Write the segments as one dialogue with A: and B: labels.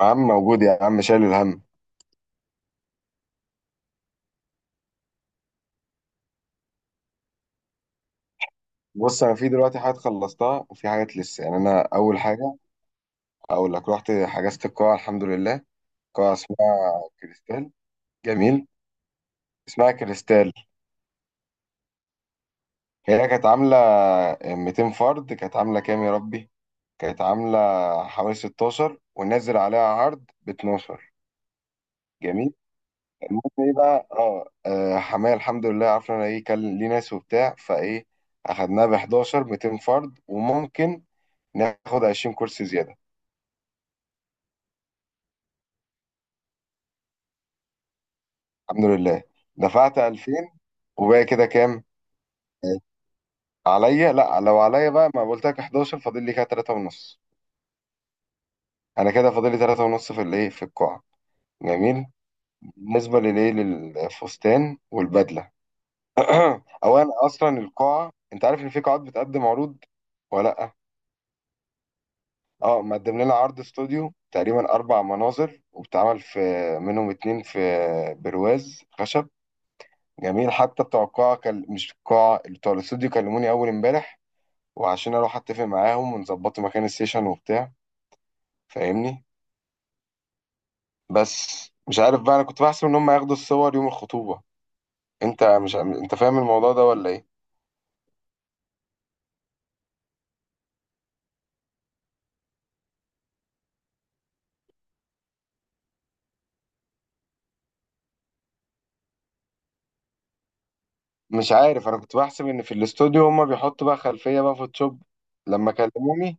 A: يا عم موجود، يا عم شايل الهم. بص، انا في دلوقتي حاجات خلصتها وفي حاجات لسه، يعني انا اول حاجه اقول لك: رحت حجزت القاعه، الحمد لله. قاعه اسمها كريستال. جميل، اسمها كريستال. هي كانت عامله 200 فرد، كانت عامله كام يا ربي، كانت عامله حوالي 16، ونزل عليها عرض ب 12. جميل. المهم ايه بقى، حماية الحمد لله عرفنا انا ايه كان ليه ناس وبتاع، فايه اخدناها ب 11، 200 فرد، وممكن ناخد 20 كرسي زياده. الحمد لله دفعت 2000، وباقي كده كام عليا؟ لا، لو عليا بقى ما قلت لك 11، فاضل لي كده 3 ونص. انا كده فاضل لي 3 ونص في الايه، في القاعة. جميل. بالنسبة للايه، للفستان والبدلة، اولا اصلا القاعة انت عارف ان في قاعات بتقدم عروض ولا لا؟ اه، مقدم لنا عرض استوديو تقريبا اربع مناظر، وبتعمل في منهم اتنين في برواز خشب. جميل، حتى بتوع القاعة كان، مش القاعة، بتوع الاستوديو كلموني اول امبارح، وعشان اروح اتفق معاهم ونظبط مكان السيشن وبتاع، فاهمني؟ بس مش عارف بقى، انا كنت بحسب ان هم ياخدوا الصور يوم الخطوبة. انت مش، انت فاهم الموضوع ده ولا ايه؟ مش عارف، انا كنت بحسب ان في الاستوديو هم بيحطوا بقى خلفية بقى فوتوشوب. لما كلموني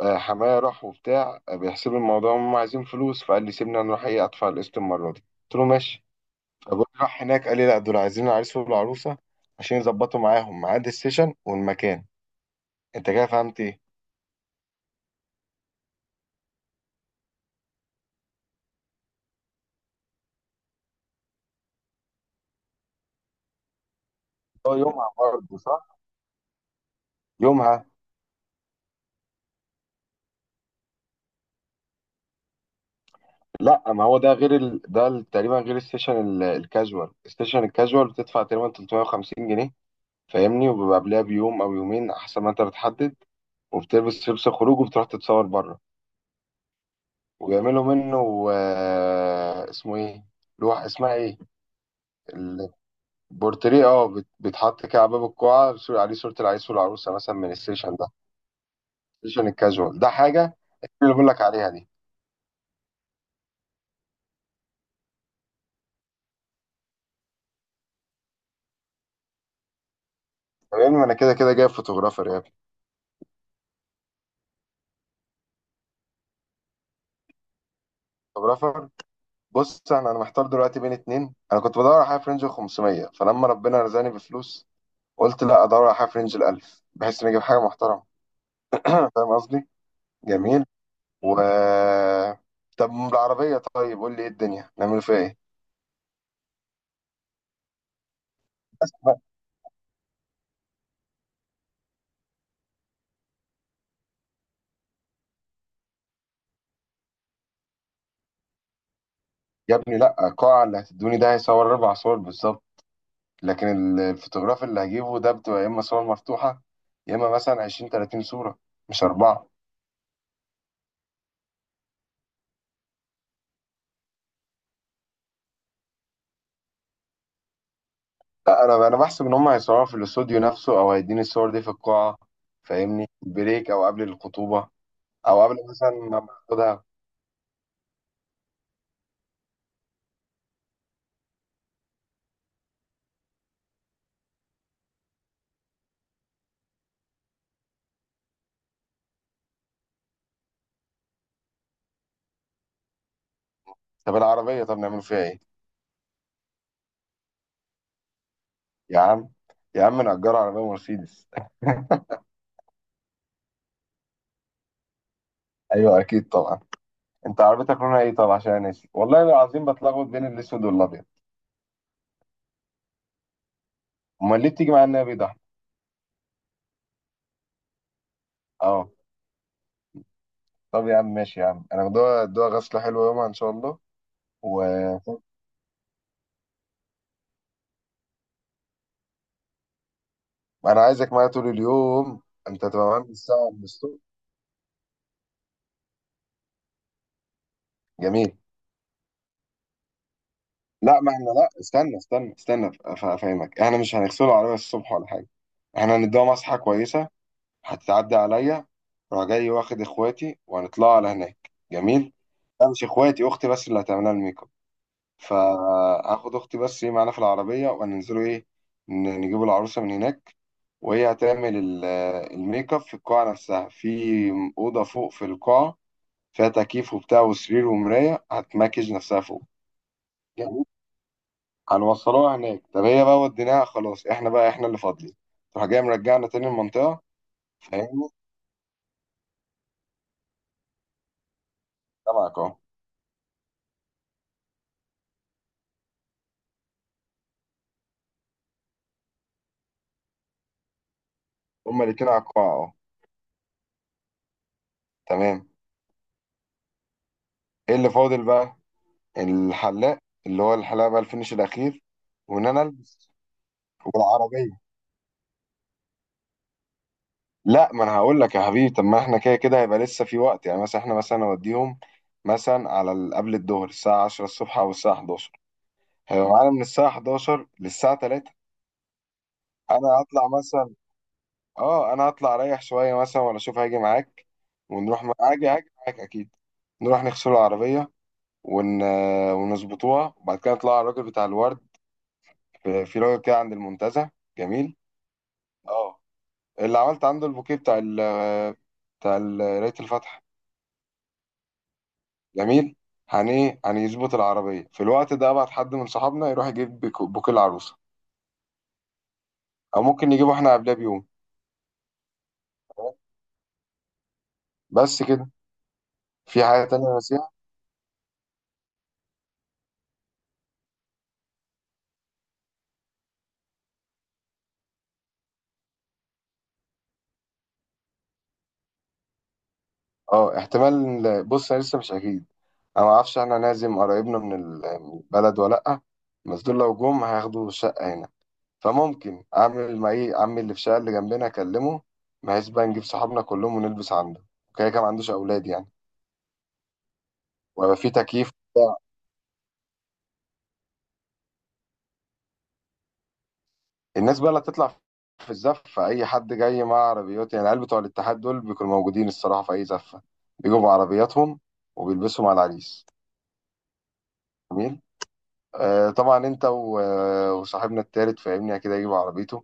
A: حماية راح وبتاع بيحسبوا الموضوع، هم عايزين فلوس، فقال لي سيبني انا اروح ايه، ادفع القسط المرة دي. قلت له ماشي. فبقول راح هناك، قال لي لا، دول عايزين العريس والعروسة عشان يظبطوا معاهم ميعاد السيشن والمكان. انت كده فهمت ايه؟ هو يومها برضه صح؟ يومها. لا، ما هو ده غير تقريبا غير السيشن الكاجوال. السيشن الكاجوال بتدفع تقريبا 350 جنيه، فاهمني، وبيبقى قبلها بيوم او يومين، احسن ما انت بتحدد، وبتلبس لبس الخروج وبتروح تتصور بره، وبيعملوا منه اسمه ايه، لوح اسمها ايه، البورتريه. اه، بيتحط كده على باب القاعه، بيصير عليه صوره العريس والعروسه مثلا من السيشن ده. السيشن الكاجوال ده حاجه اللي بقول لك عليها دي. طب يا ابني ما انا كده كده جايب فوتوغرافر يا ابني، فوتوغرافر. بص انا محتار دلوقتي بين اتنين. انا كنت بدور على حاجه في رينج ال 500، فلما ربنا رزقني بفلوس قلت لا، ادور على حاجه في رينج ال 1000، بحيث اني اجيب حاجه محترمه. فاهم قصدي؟ جميل. و، طب بالعربيه، طيب قول لي ايه الدنيا نعمل فيها ايه؟ بس بقى. يا ابني لا، القاعه اللي هتدوني ده هيصور اربع صور بالظبط، لكن الفوتوغراف اللي هجيبه ده بتبقى يا اما صور مفتوحه، يا اما مثلا 20، 30 صوره، مش اربعه. لا، انا بحسب ان هم هيصوروا في الاستوديو نفسه، او هيديني الصور دي في القاعه، فاهمني، بريك او قبل الخطوبه، او قبل مثلا ما باخدها. طب العربيه، طب نعمل فيها ايه؟ يا عم يا عم نأجر عربيه مرسيدس. ايوه اكيد طبعا. انت عربيتك لونها ايه طب، عشان أنا ناسي والله العظيم، بتلخبط بين الاسود والابيض. امال ليه بتيجي معايا النبي ده؟ اه. طب يا عم ماشي يا عم، انا بدوها ادوها غسله حلوه يومها ان شاء الله. وانا عايزك معايا طول اليوم، انت تبقى معايا من الساعه، من الصبح. جميل. لا ما احنا، لا استنى استنى استنى افهمك، احنا مش هنغسله العربية الصبح ولا حاجة، احنا هنديها مسحة كويسة، هتتعدي عليا، راح جاي واخد اخواتي وهنطلع على هناك. جميل. لا، مش اخواتي، اختي بس اللي هتعملها الميك اب، فهاخد اختي بس ايه معانا في العربية، وهننزلوا ايه، نجيبوا العروسة من هناك، وهي هتعمل الميك اب في القاعة نفسها، في أوضة فوق في القاعة، فيها تكييف وبتاع وسرير ومراية، هتماكج نفسها فوق، هنوصلوها هناك. طب هي بقى وديناها خلاص، احنا بقى احنا اللي فاضلين، تروح جاي مرجعنا تاني المنطقة، فاهمني؟ سامعك اهو. هما الاتنين على القاع اهو. تمام. ايه اللي فاضل بقى؟ الحلاق، اللي هو الحلاق بقى الفينش الاخير، وان انا البس. والعربية، لا ما انا هقول لك يا حبيبي، طب ما احنا كده كده هيبقى لسه في وقت، يعني مثلا احنا مثلا نوديهم مثلا على قبل الظهر الساعة 10 الصبح او الساعة 11، هيبقى معانا من الساعة 11 للساعة 3. انا هطلع مثلا، اه انا هطلع اريح شويه مثلا، ولا اشوف هاجي معاك؟ ونروح هاجي معاك اكيد، نروح نغسل العربيه ون... ونظبطوها، وبعد كده نطلع على الراجل بتاع الورد، في راجل كده عند المنتزه. جميل. اه، اللي عملت عنده البوكيه بتاع قرايه الفاتحه. جميل. هن ايه، هنظبط العربيه في الوقت ده، ابعت حد من صحابنا يروح يجيب بوكيه العروسه، او ممكن نجيبه احنا قبلها بيوم. بس كده. في حاجه تانية بس. اه، احتمال، بص انا لسه مش اكيد، انا ما اعرفش احنا نعزم قرايبنا من من البلد ولا لا، بس دول لو جم هياخدوا شقه هنا، فممكن اعمل مع ايه عمي اللي في الشقه اللي جنبنا اكلمه، بحيث بقى نجيب صحابنا كلهم ونلبس عنده، وكده كده ما عندوش اولاد يعني، ويبقى في تكييف وبتاع. الناس بقى اللي هتطلع في الزفه، اي حد جاي مع عربيات، يعني العيال بتوع الاتحاد دول بيكونوا موجودين الصراحه في اي زفه، بيجوا بعربياتهم وبيلبسوا مع العريس. جميل. آه طبعا، انت وصاحبنا التالت، فاهمني، اكيد هيجيب عربيته،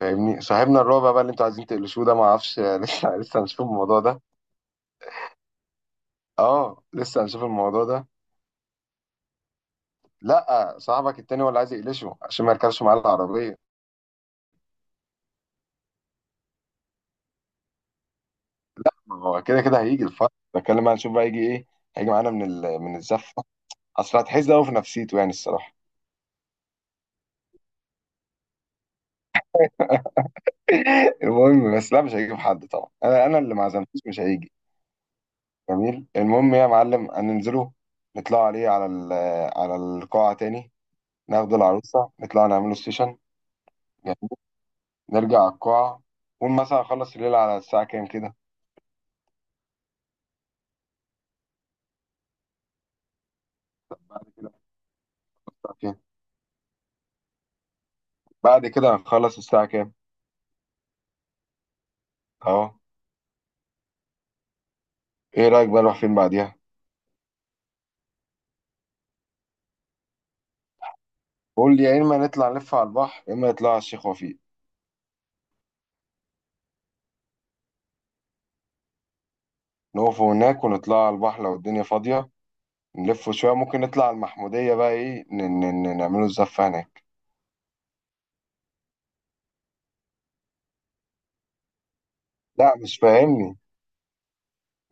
A: فاهمني، صاحبنا الرابع بقى اللي انتوا عايزين تقلشوه ده ما اعرفش. لسه لسه هنشوف الموضوع ده. اه، لسه هنشوف الموضوع ده. لا، صاحبك التاني هو اللي عايز يقلشه عشان ما يركبش معاه العربيه. ما هو كده كده هيجي الفرق، بتكلم بقى، نشوف بقى يجي ايه. هيجي معانا من الزفه، اصل هتحس قوي في نفسيته يعني الصراحه. المهم بس، لا مش هيجيب حد طبعا، انا انا اللي ما عزمتوش مش هيجي. جميل. المهم يا معلم هننزله، نطلع عليه على القاعه تاني، ناخد العروسة نطلع نعمله سيشن. جميل. نرجع على القاعة، قول مثلا أخلص الليلة على الساعة كام كده؟ بعد كده، الساعة كام، بعد كده هنخلص الساعة كام؟ أهو. إيه رأيك بقى نروح فين بعديها؟ قول لي، يا إما نطلع نلف على البحر، يا إما نطلع على الشيخ وفيق، نقف هناك ونطلع على البحر لو الدنيا فاضية، نلف شوية، ممكن نطلع على المحمودية بقى إيه، نعمله الزفة هناك. لا مش فاهمني،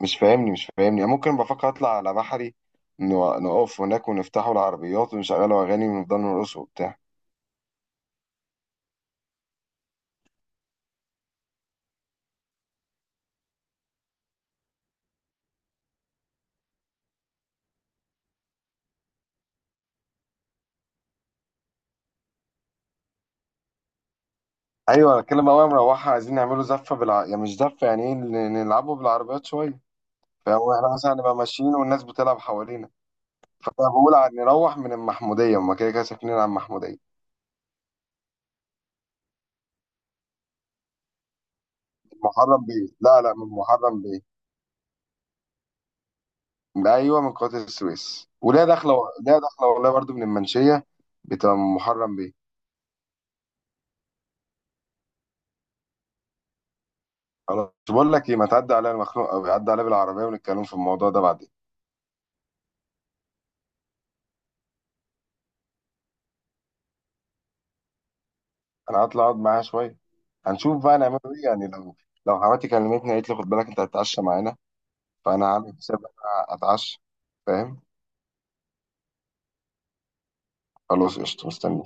A: مش فاهمني، مش فاهمني أنا، ممكن بفكر أطلع على بحري، نقف هناك ونفتحوا العربيات ونشغلوا أغاني ونفضل نرقص وبتاع. ايوه انا اتكلم بقى مروحه، عايزين نعمله زفه يعني مش زفه، يعني ايه، نلعبه بالعربيات شويه، فهو احنا مثلا هنبقى ماشيين والناس بتلعب حوالينا، فانا بقول عن نروح من المحموديه، هما كده كده ساكنين على المحموديه. محرم بيه، لا لا، من محرم بيه. ايوه من قناه السويس، وليها داخله، ليها داخله والله، برضو من المنشيه، بتبقى من محرم بيه. خلاص، بقول لك ايه، ما تعدي عليا أنا مخنوق، او عدي عليا بالعربيه ونتكلم في الموضوع ده بعدين. انا هطلع اقعد معاها شويه، هنشوف بقى نعمله ايه، يعني لو، لو حماتي كلمتني قالت لي خد بالك انت هتتعشى معانا، فانا عامل حساب إن انا اتعشى. فاهم. خلاص قشطة، مستني.